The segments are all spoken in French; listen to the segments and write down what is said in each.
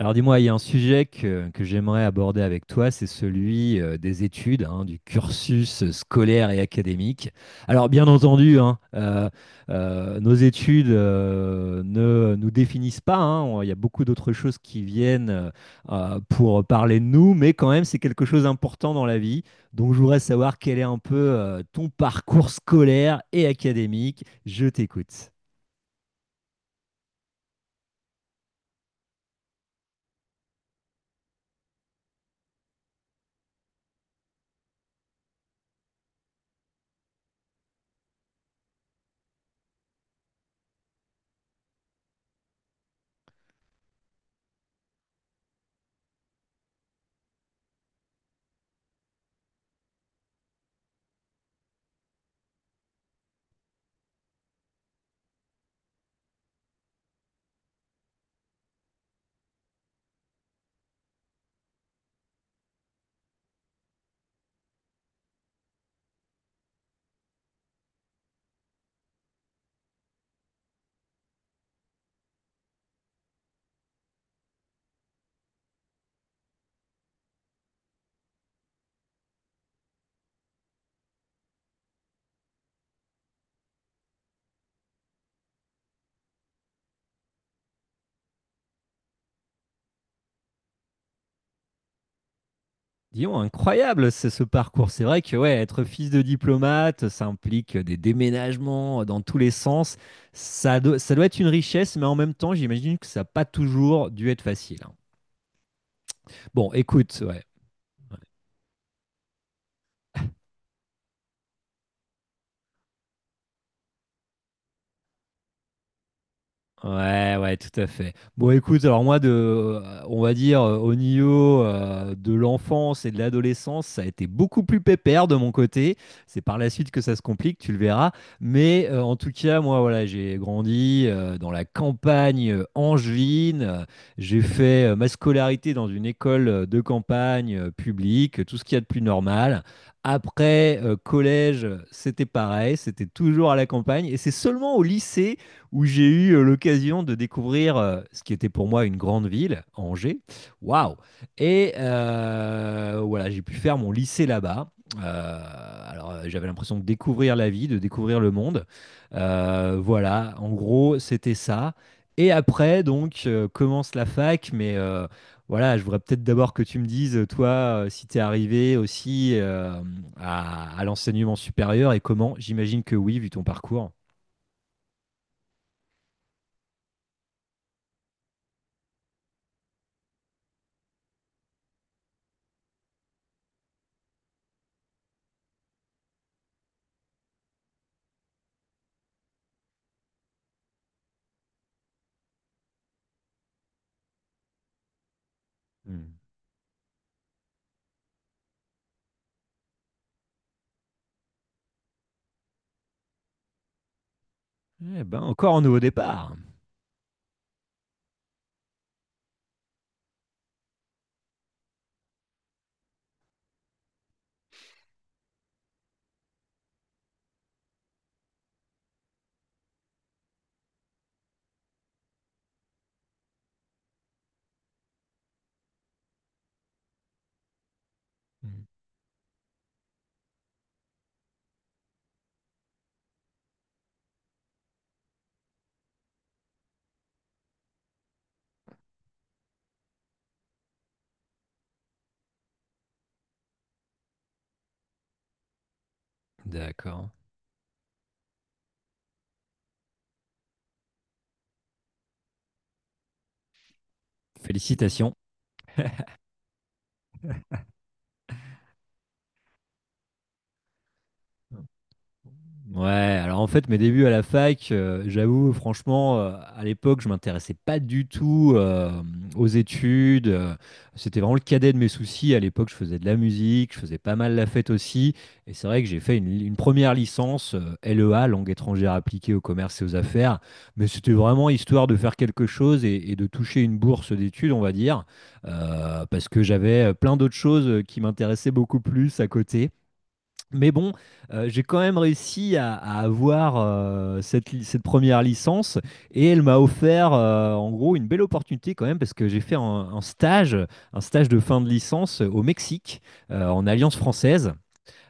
Alors dis-moi, il y a un sujet que j'aimerais aborder avec toi, c'est celui des études, hein, du cursus scolaire et académique. Alors bien entendu, hein, nos études ne nous définissent pas, hein, il y a beaucoup d'autres choses qui viennent pour parler de nous, mais quand même c'est quelque chose d'important dans la vie. Donc je voudrais savoir quel est un peu ton parcours scolaire et académique. Je t'écoute. Dis-donc, incroyable ce parcours. C'est vrai que ouais, être fils de diplomate, ça implique des déménagements dans tous les sens. Ça doit être une richesse, mais en même temps, j'imagine que ça n'a pas toujours dû être facile, hein. Bon écoute, ouais. Ouais, ouais, tout à fait. Bon, écoute, alors moi, on va dire, au niveau de l'enfance et de l'adolescence, ça a été beaucoup plus pépère de mon côté. C'est par la suite que ça se complique, tu le verras. Mais en tout cas, moi, voilà, j'ai grandi dans la campagne angevine. J'ai fait ma scolarité dans une école de campagne publique, tout ce qu'il y a de plus normal. Après, collège, c'était pareil, c'était toujours à la campagne. Et c'est seulement au lycée où j'ai eu l'occasion de découvrir ce qui était pour moi une grande ville, Angers. Waouh! Et voilà, j'ai pu faire mon lycée là-bas. Euh, alors, j'avais l'impression de découvrir la vie, de découvrir le monde. Voilà, en gros, c'était ça. Et après, donc, commence la fac, mais voilà, je voudrais peut-être d'abord que tu me dises, toi, si tu es arrivé aussi à l'enseignement supérieur et comment, j'imagine que oui, vu ton parcours. Mmh. Eh ben, encore un nouveau départ. Mmh. D'accord. Félicitations. Ouais, alors en fait, mes débuts à la fac, j'avoue, franchement, à l'époque, je m'intéressais pas du tout aux études. C'était vraiment le cadet de mes soucis. À l'époque, je faisais de la musique, je faisais pas mal la fête aussi. Et c'est vrai que j'ai fait une première licence, LEA, langue étrangère appliquée au commerce et aux affaires. Mais c'était vraiment histoire de faire quelque chose et de toucher une bourse d'études, on va dire, parce que j'avais plein d'autres choses qui m'intéressaient beaucoup plus à côté. Mais bon, j'ai quand même réussi à, avoir cette première licence et elle m'a offert en gros une belle opportunité quand même parce que j'ai fait un stage de fin de licence au Mexique en Alliance française.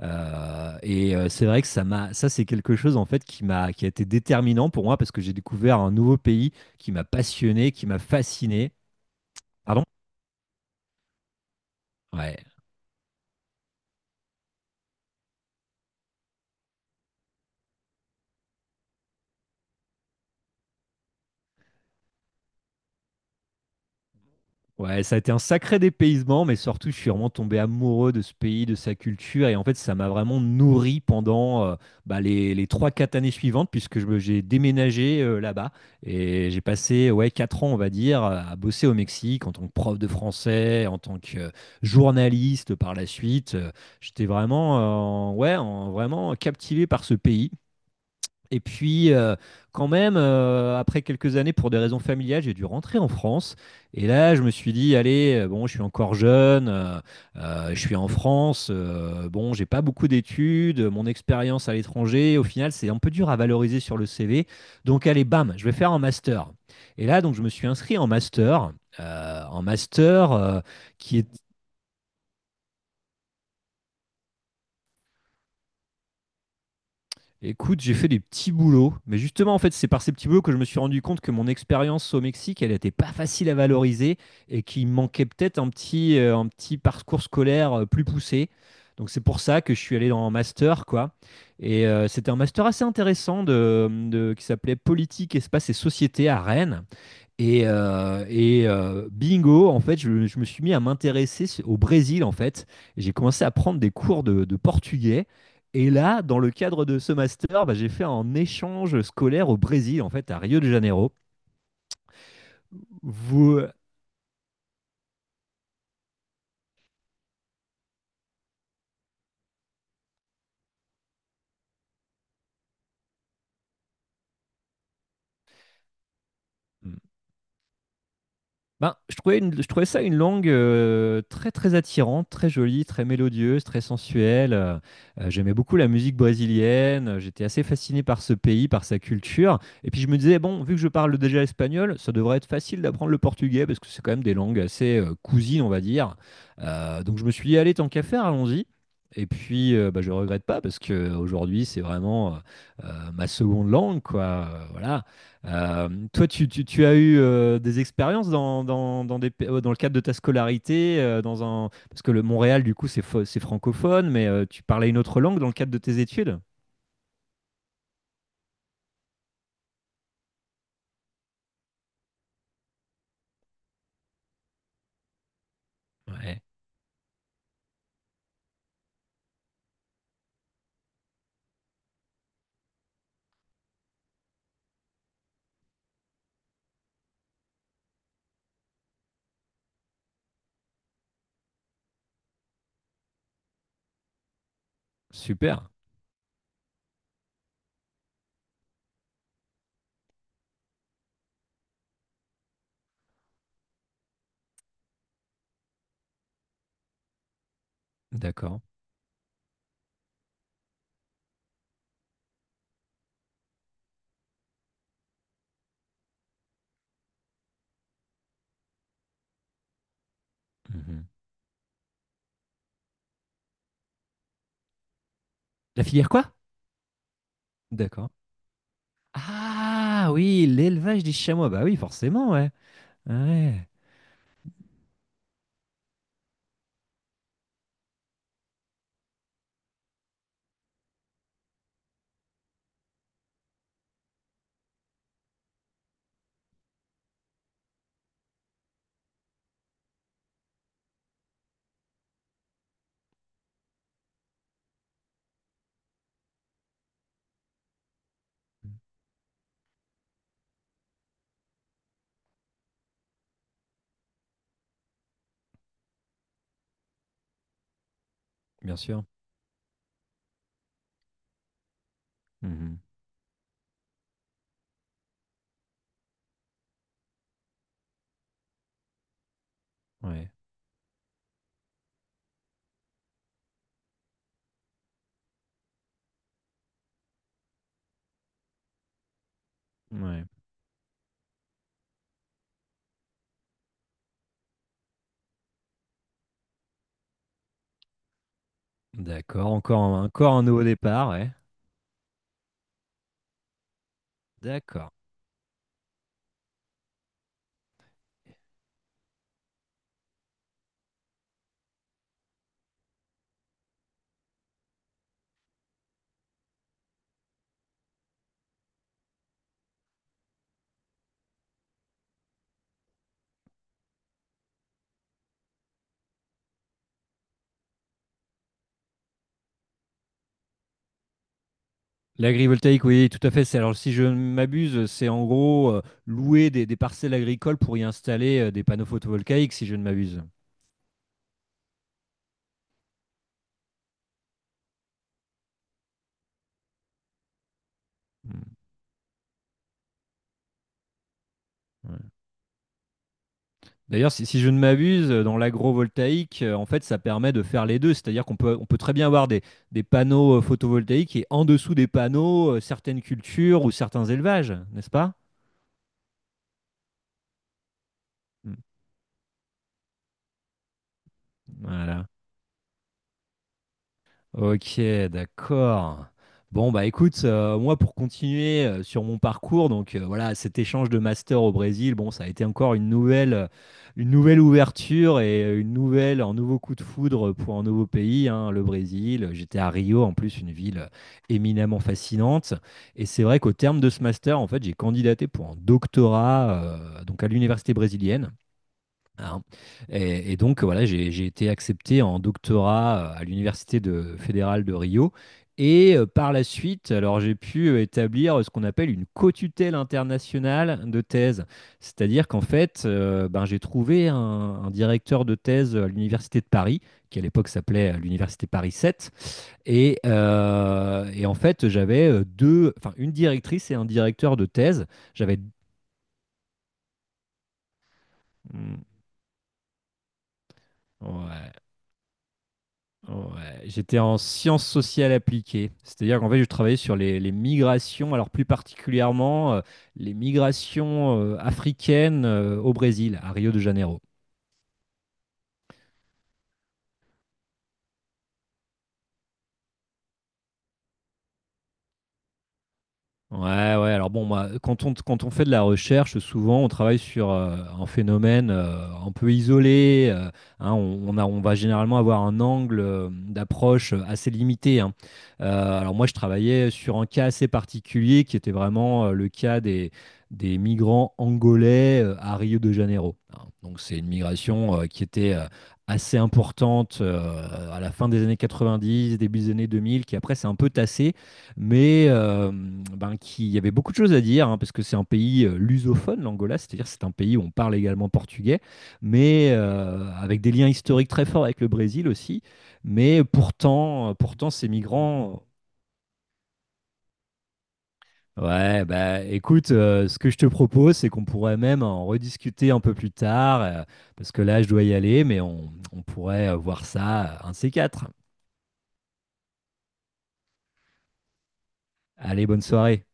Et c'est vrai que ça c'est quelque chose en fait qui a été déterminant pour moi parce que j'ai découvert un nouveau pays qui m'a passionné, qui m'a fasciné. Pardon? Ouais. Ouais, ça a été un sacré dépaysement, mais surtout, je suis vraiment tombé amoureux de ce pays, de sa culture, et en fait, ça m'a vraiment nourri pendant les 3-4 années suivantes, puisque j'ai déménagé là-bas, et j'ai passé ouais, 4 ans, on va dire, à bosser au Mexique en tant que prof de français, en tant que journaliste par la suite. J'étais vraiment, ouais, vraiment captivé par ce pays, et puis, quand même, après quelques années, pour des raisons familiales, j'ai dû rentrer en France. Et là, je me suis dit, allez, bon, je suis encore jeune, je suis en France, bon, j'ai pas beaucoup d'études, mon expérience à l'étranger, au final, c'est un peu dur à valoriser sur le CV. Donc, allez, bam, je vais faire un master. Et là, donc, je me suis inscrit en master. En master qui est Écoute, j'ai fait des petits boulots, mais justement, en fait, c'est par ces petits boulots que je me suis rendu compte que mon expérience au Mexique, elle n'était pas facile à valoriser et qu'il manquait peut-être un petit parcours scolaire plus poussé. Donc, c'est pour ça que je suis allé dans un master, quoi. Et c'était un master assez intéressant qui s'appelait Politique, Espace et Société à Rennes. Et, bingo, en fait, je me suis mis à m'intéresser au Brésil, en fait. Et j'ai commencé à prendre des cours de portugais. Et là, dans le cadre de ce master, bah, j'ai fait un échange scolaire au Brésil, en fait, à Rio de Janeiro. Vous... Ben, je trouvais, je trouvais ça une langue très très attirante, très jolie, très mélodieuse, très sensuelle. J'aimais beaucoup la musique brésilienne, j'étais assez fasciné par ce pays, par sa culture. Et puis je me disais, bon, vu que je parle déjà espagnol, ça devrait être facile d'apprendre le portugais parce que c'est quand même des langues assez cousines, on va dire. Donc je me suis dit, allez, tant qu'à faire, allons-y. Et puis, je regrette pas parce que aujourd'hui, c'est vraiment ma seconde langue, quoi. Voilà. Toi, tu as eu des expériences dans le cadre de ta scolarité, parce que le Montréal, du coup, c'est francophone, mais tu parlais une autre langue dans le cadre de tes études? Ouais, super, d'accord. Mhm. La filière quoi? D'accord. Ah oui, l'élevage des chamois, bah oui, forcément, ouais. Ouais, bien sûr. Mhm. Ouais, ouais. D'accord, encore, encore un nouveau départ, ouais. D'accord. L'agrivoltaïque, oui, tout à fait. Alors, si je ne m'abuse, c'est en gros louer des parcelles agricoles pour y installer des panneaux photovoltaïques, si je ne m'abuse. Mm, ouais. D'ailleurs, si je ne m'abuse, dans l'agrovoltaïque, en fait, ça permet de faire les deux. C'est-à-dire qu'on peut très bien avoir des panneaux photovoltaïques et en dessous des panneaux, certaines cultures ou certains élevages, n'est-ce pas? Mm, voilà. Ok, d'accord. Bon, bah écoute, moi pour continuer sur mon parcours, donc voilà, cet échange de master au Brésil, bon, ça a été encore une nouvelle ouverture et un nouveau coup de foudre pour un nouveau pays, hein, le Brésil. J'étais à Rio, en plus, une ville éminemment fascinante. Et c'est vrai qu'au terme de ce master, en fait, j'ai candidaté pour un doctorat, donc à l'université brésilienne hein. Et donc, voilà, j'ai été accepté en doctorat à l'Université fédérale de Rio. Et par la suite, alors j'ai pu établir ce qu'on appelle une co-tutelle internationale de thèse. C'est-à-dire qu'en fait, ben, j'ai trouvé un directeur de thèse à l'Université de Paris, qui à l'époque s'appelait l'Université Paris 7. Et en fait, j'avais deux, enfin une directrice et un directeur de thèse. J'avais. Hmm, ouais, ouais, j'étais en sciences sociales appliquées, c'est-à-dire qu'en fait, je travaillais sur les migrations, alors plus particulièrement les migrations africaines au Brésil, à Rio de Janeiro. Ouais, ouais. Alors bon, moi, quand on fait de la recherche, souvent, on travaille sur un phénomène un peu isolé. Hein, on va généralement avoir un angle d'approche assez limité. Hein. Alors moi, je travaillais sur un cas assez particulier qui était vraiment le cas des migrants angolais à Rio de Janeiro. Hein. Donc c'est une migration qui était assez importante à la fin des années 90, début des années 2000, qui après s'est un peu tassée mais ben, qui, il y avait beaucoup de choses à dire, hein, parce que c'est un pays lusophone, l'Angola, c'est-à-dire c'est un pays où on parle également portugais, mais avec des liens historiques très forts avec le Brésil aussi. Mais pourtant ces migrants... Ouais, bah écoute, ce que je te propose, c'est qu'on pourrait même en rediscuter un peu plus tard, parce que là, je dois y aller, mais on pourrait voir ça un de ces quatre. Allez, bonne soirée.